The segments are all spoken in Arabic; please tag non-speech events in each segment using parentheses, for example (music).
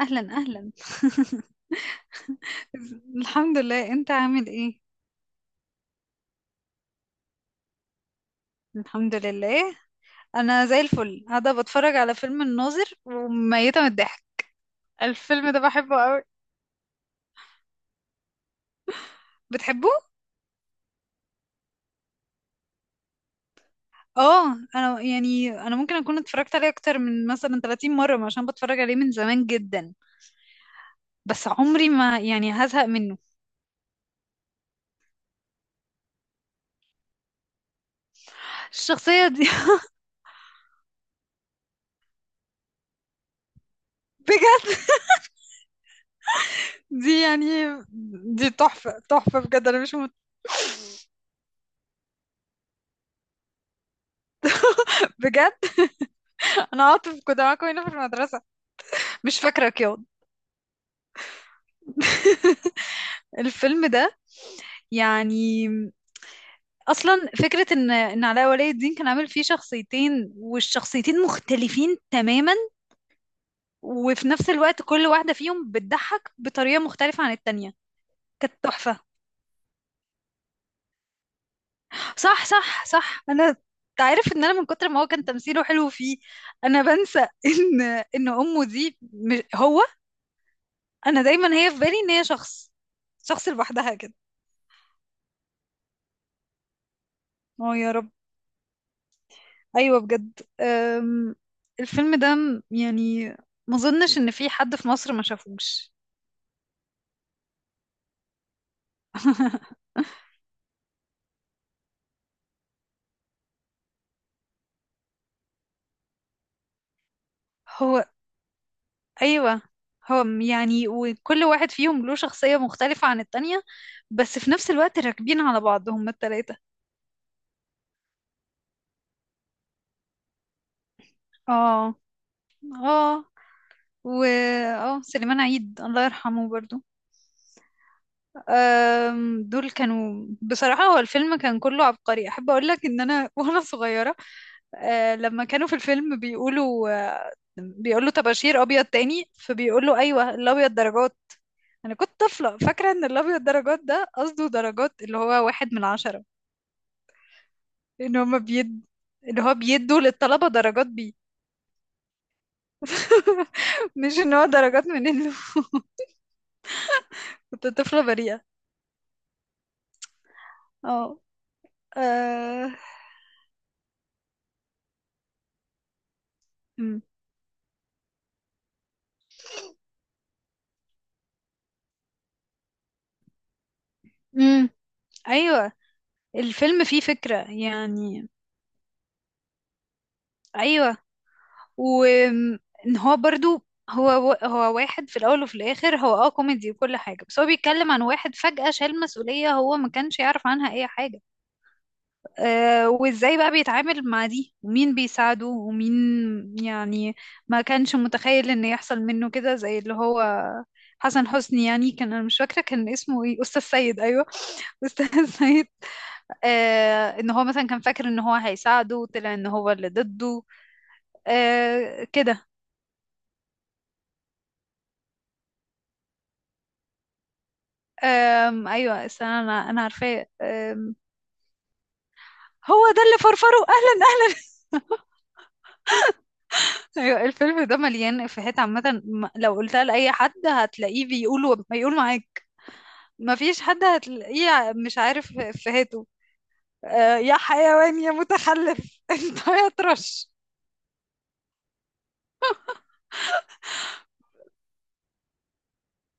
اهلا اهلا. (laughs) الحمد لله، انت عامل ايه؟ الحمد لله، انا زي الفل، قاعده بتفرج على فيلم الناظر وميته من الضحك. الفيلم ده بحبه قوي. بتحبه؟ اه، انا يعني انا ممكن اكون اتفرجت عليه اكتر من مثلا 30 مره عشان بتفرج عليه من زمان جدا. بس عمري ما يعني هزهق منه. الشخصيه دي (laughs) بجد دي يعني دي تحفه تحفه بجد. انا مش مت... بجد انا عاطف كنت معاكم هنا في المدرسه، مش فاكرك ياض؟ (laughs) الفيلم ده يعني اصلا فكره ان علاء ولي الدين كان عامل فيه شخصيتين، والشخصيتين مختلفين تماما، وفي نفس الوقت كل واحده فيهم بتضحك بطريقه مختلفه عن التانية. كانت تحفه. صح صح صح. انا تعرف ان انا من كتر ما هو كان تمثيله حلو فيه انا بنسى (laughs) ان ان امه دي مش- هو انا دايما هي في بالي ان هي شخص، شخص لوحدها كده. اه يا رب. ايوه بجد. يعني ما اظنش ان في حد في مصر ما شافوش. (laughs) هو ايوه. يعني وكل واحد فيهم له شخصية مختلفة عن التانية، بس في نفس الوقت راكبين على بعض هما التلاتة. اه اه و اه سليمان عيد الله يرحمه برضو. دول كانوا بصراحة. هو الفيلم كان كله عبقري. احب اقول لك ان انا (laughs) وانا صغيرة، لما كانوا في الفيلم بيقولوا بيقولوا طباشير ابيض تاني، فبيقولوا ايوه الابيض درجات. انا كنت طفله فاكره ان الابيض درجات ده قصده درجات، اللي هو واحد من عشرة. ان هما بيد ان هو بيدوا للطلبه درجات بيه. (laughs) مش ان هو درجات من انه. (laughs) كنت طفله بريئه. اه. آه، أمم. أمم. ايوه الفيلم فيه فكره يعني. ايوه. وان هو برضو، هو هو واحد في الاول وفي الاخر. هو اه كوميدي وكل حاجه، بس هو بيتكلم عن واحد فجأة شال مسؤوليه هو ما كانش يعرف عنها اي حاجه. آه، وازاي بقى بيتعامل مع دي، ومين بيساعده ومين. يعني ما كانش متخيل ان يحصل منه كده. زي اللي هو حسن حسني، يعني كان، انا مش فاكره كان اسمه ايه، استاذ سيد. ايوه. (laughs) استاذ سيد. آه، ان هو مثلا كان فاكر ان هو هيساعده، وطلع ان هو اللي ضده. آه كده. أم ايوه، استنى، انا عارفاه. هو ده اللي فرفره اهلا اهلا. (laughs) ايوه الفيلم ده مليان افيهات عامه. لو قلتها لاي حد هتلاقيه بيقول معاك. مفيش حد هتلاقيه مش عارف افيهاته. أه يا حيوان يا متخلف، (laughs) انت يا طرش.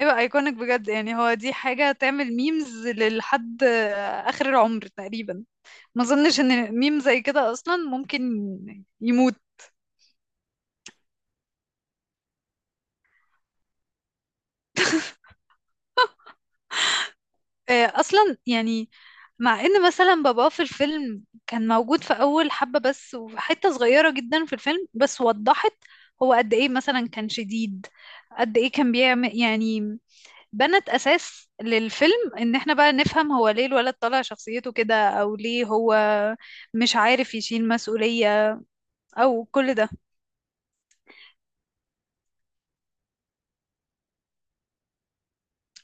ايوه ايكونيك بجد. يعني هو دي حاجه تعمل ميمز للحد، اخر العمر تقريبا. ما اظنش ان ميم زي كده اصلا ممكن يموت. اصلا يعني مع ان مثلا باباه في الفيلم كان موجود في اول حبة بس، وحتة صغيرة جدا في الفيلم، بس وضحت هو قد ايه مثلا كان شديد، قد ايه كان بيعمل يعني بنت اساس للفيلم، ان احنا بقى نفهم هو ليه الولد طالع شخصيته كده، او ليه هو مش عارف يشيل مسؤولية او كل ده.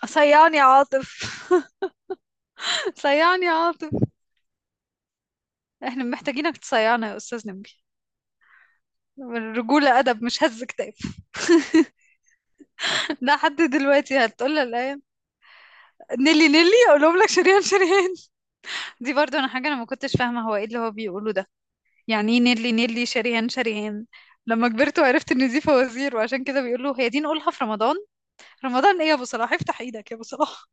صيعني يا عاطف. (laughs) صيعني يا عاطف. احنا محتاجينك تصيعنا يا استاذ نبي. الرجولة ادب مش هز كتاب. لحد دلوقتي هتقول لها الايه، نيلي نيلي، اقول لهم لك شريهان شريهان. دي برضو انا حاجه انا ما كنتش فاهمه هو ايه اللي هو بيقوله ده. يعني ايه نيلي نيلي شريهان شريهان؟ لما كبرت وعرفت ان دي فوازير، وعشان كده بيقول له هي دي نقولها في رمضان. رمضان ايه يا ابو صلاح، افتح ايدك يا ابو صلاح.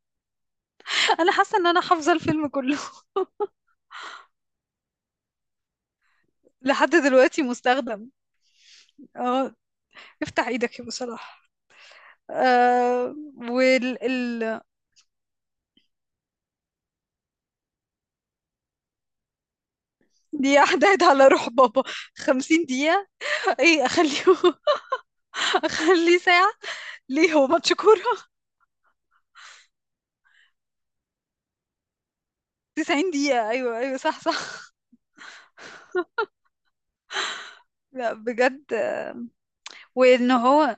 (laughs) انا حاسه ان انا حافظه الفيلم كله. (laughs) لحد دلوقتي مستخدم. اه افتح ايدك يا ابو صلاح. آه وال ال... دي احداد على روح بابا. خمسين دقيقة؟ ايه، اخليه، (laughs) اخليه ساعة. ليه هو ماتش كورة؟ 90 دقيقة. أيوة أيوة صح صح. لا بجد. وإن هو،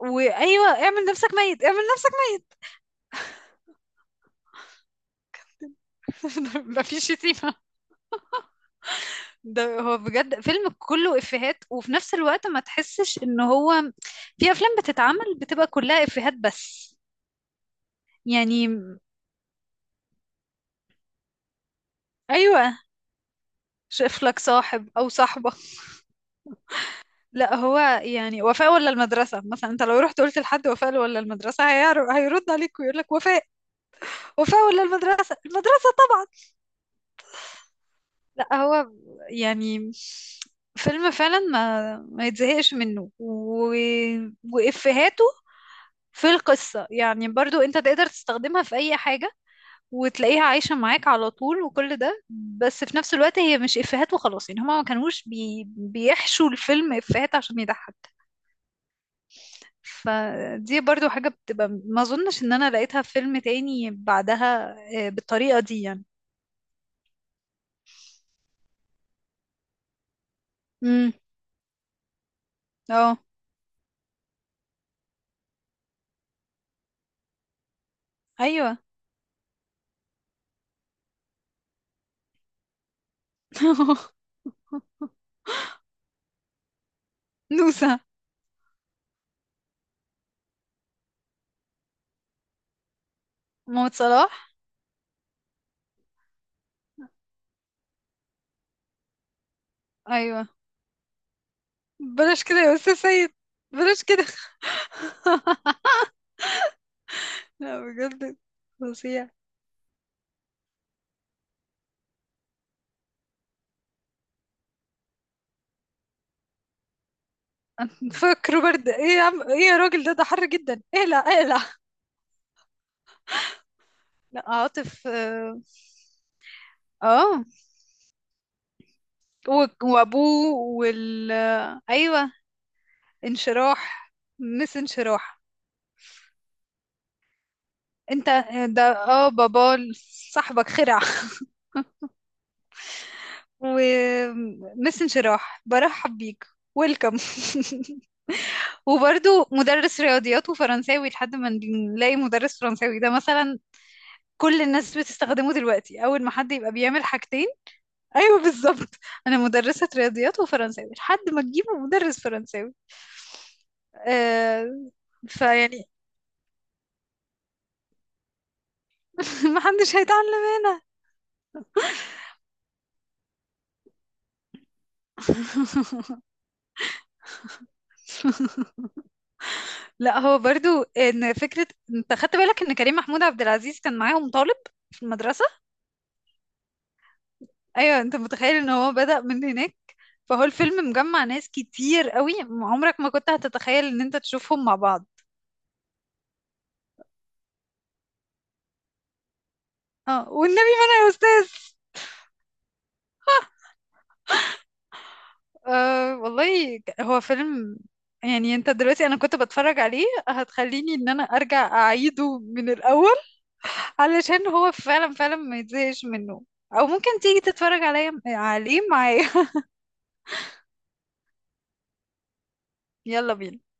وأيوة اعمل نفسك ميت، اعمل نفسك ميت. (laughs) ده مفيش شتيمة. ده هو بجد فيلم كله إفيهات، وفي نفس الوقت ما تحسش إن هو، في أفلام بتتعمل بتبقى كلها إفيهات بس يعني. أيوة شايف لك صاحب أو صاحبة. لا هو يعني وفاء ولا المدرسة، مثلا أنت لو رحت قلت لحد وفاء ولا المدرسة هيعرف هيرد عليك ويقول لك وفاء. وفاء ولا المدرسة، المدرسة. لا هو ب- يعني فيلم فعلا ما يتزهقش منه و... وإفهاته في القصة يعني برضو انت تقدر تستخدمها في اي حاجة، وتلاقيها عايشة معاك على طول وكل ده. بس في نفس الوقت هي مش إفهات وخلاص، يعني هما ما كانوش بيحشوا الفيلم إفهات عشان يضحك. فدي برضو حاجة بتبقى ما اظنش ان انا لقيتها في فيلم تاني بعدها، بالطريقة دي يعني. امم اه ايوه. (laughs) نوسة، محمد صلاح. ايوه بلاش كده يا استاذ سيد، بلاش كده. (laughs) لا بجد فظيع. فاكره برد ايه يا عم، ايه يا راجل، ده ده حر جدا، اقلع اقلع. لا عاطف اه. آه. و- وابوه وال ايوه انشراح، مس انشراح. انت ده اه بابا صاحبك خرع. ومس انشراح برحب بيك، ويلكم. (laughs) وبرضو مدرس رياضيات وفرنساوي لحد ما نلاقي مدرس فرنساوي، ده مثلا كل الناس بتستخدمه دلوقتي، اول ما حد يبقى بيعمل حاجتين. ايوه بالظبط. (laughs) انا مدرسة رياضيات وفرنساوي لحد ما تجيبوا مدرس فرنساوي. آه. فيعني (laughs) ما حدش هيتعلم هنا. (laughs) لا هو برضو ان فكرة، انت خدت بالك ان كريم محمود عبد العزيز كان معاهم طالب في المدرسة؟ ايوه انت متخيل ان هو بدأ من هناك. فهو الفيلم مجمع ناس كتير قوي، عمرك ما كنت هتتخيل ان انت تشوفهم مع بعض. اه والنبي ما انا يا استاذ. هو فيلم يعني. انت دلوقتي انا كنت بتفرج عليه هتخليني ان انا ارجع اعيده من الاول، علشان هو فعلا فعلا ما يتزهقش منه. او ممكن تيجي تتفرج عليه معايا. (laughs) يلا بينا.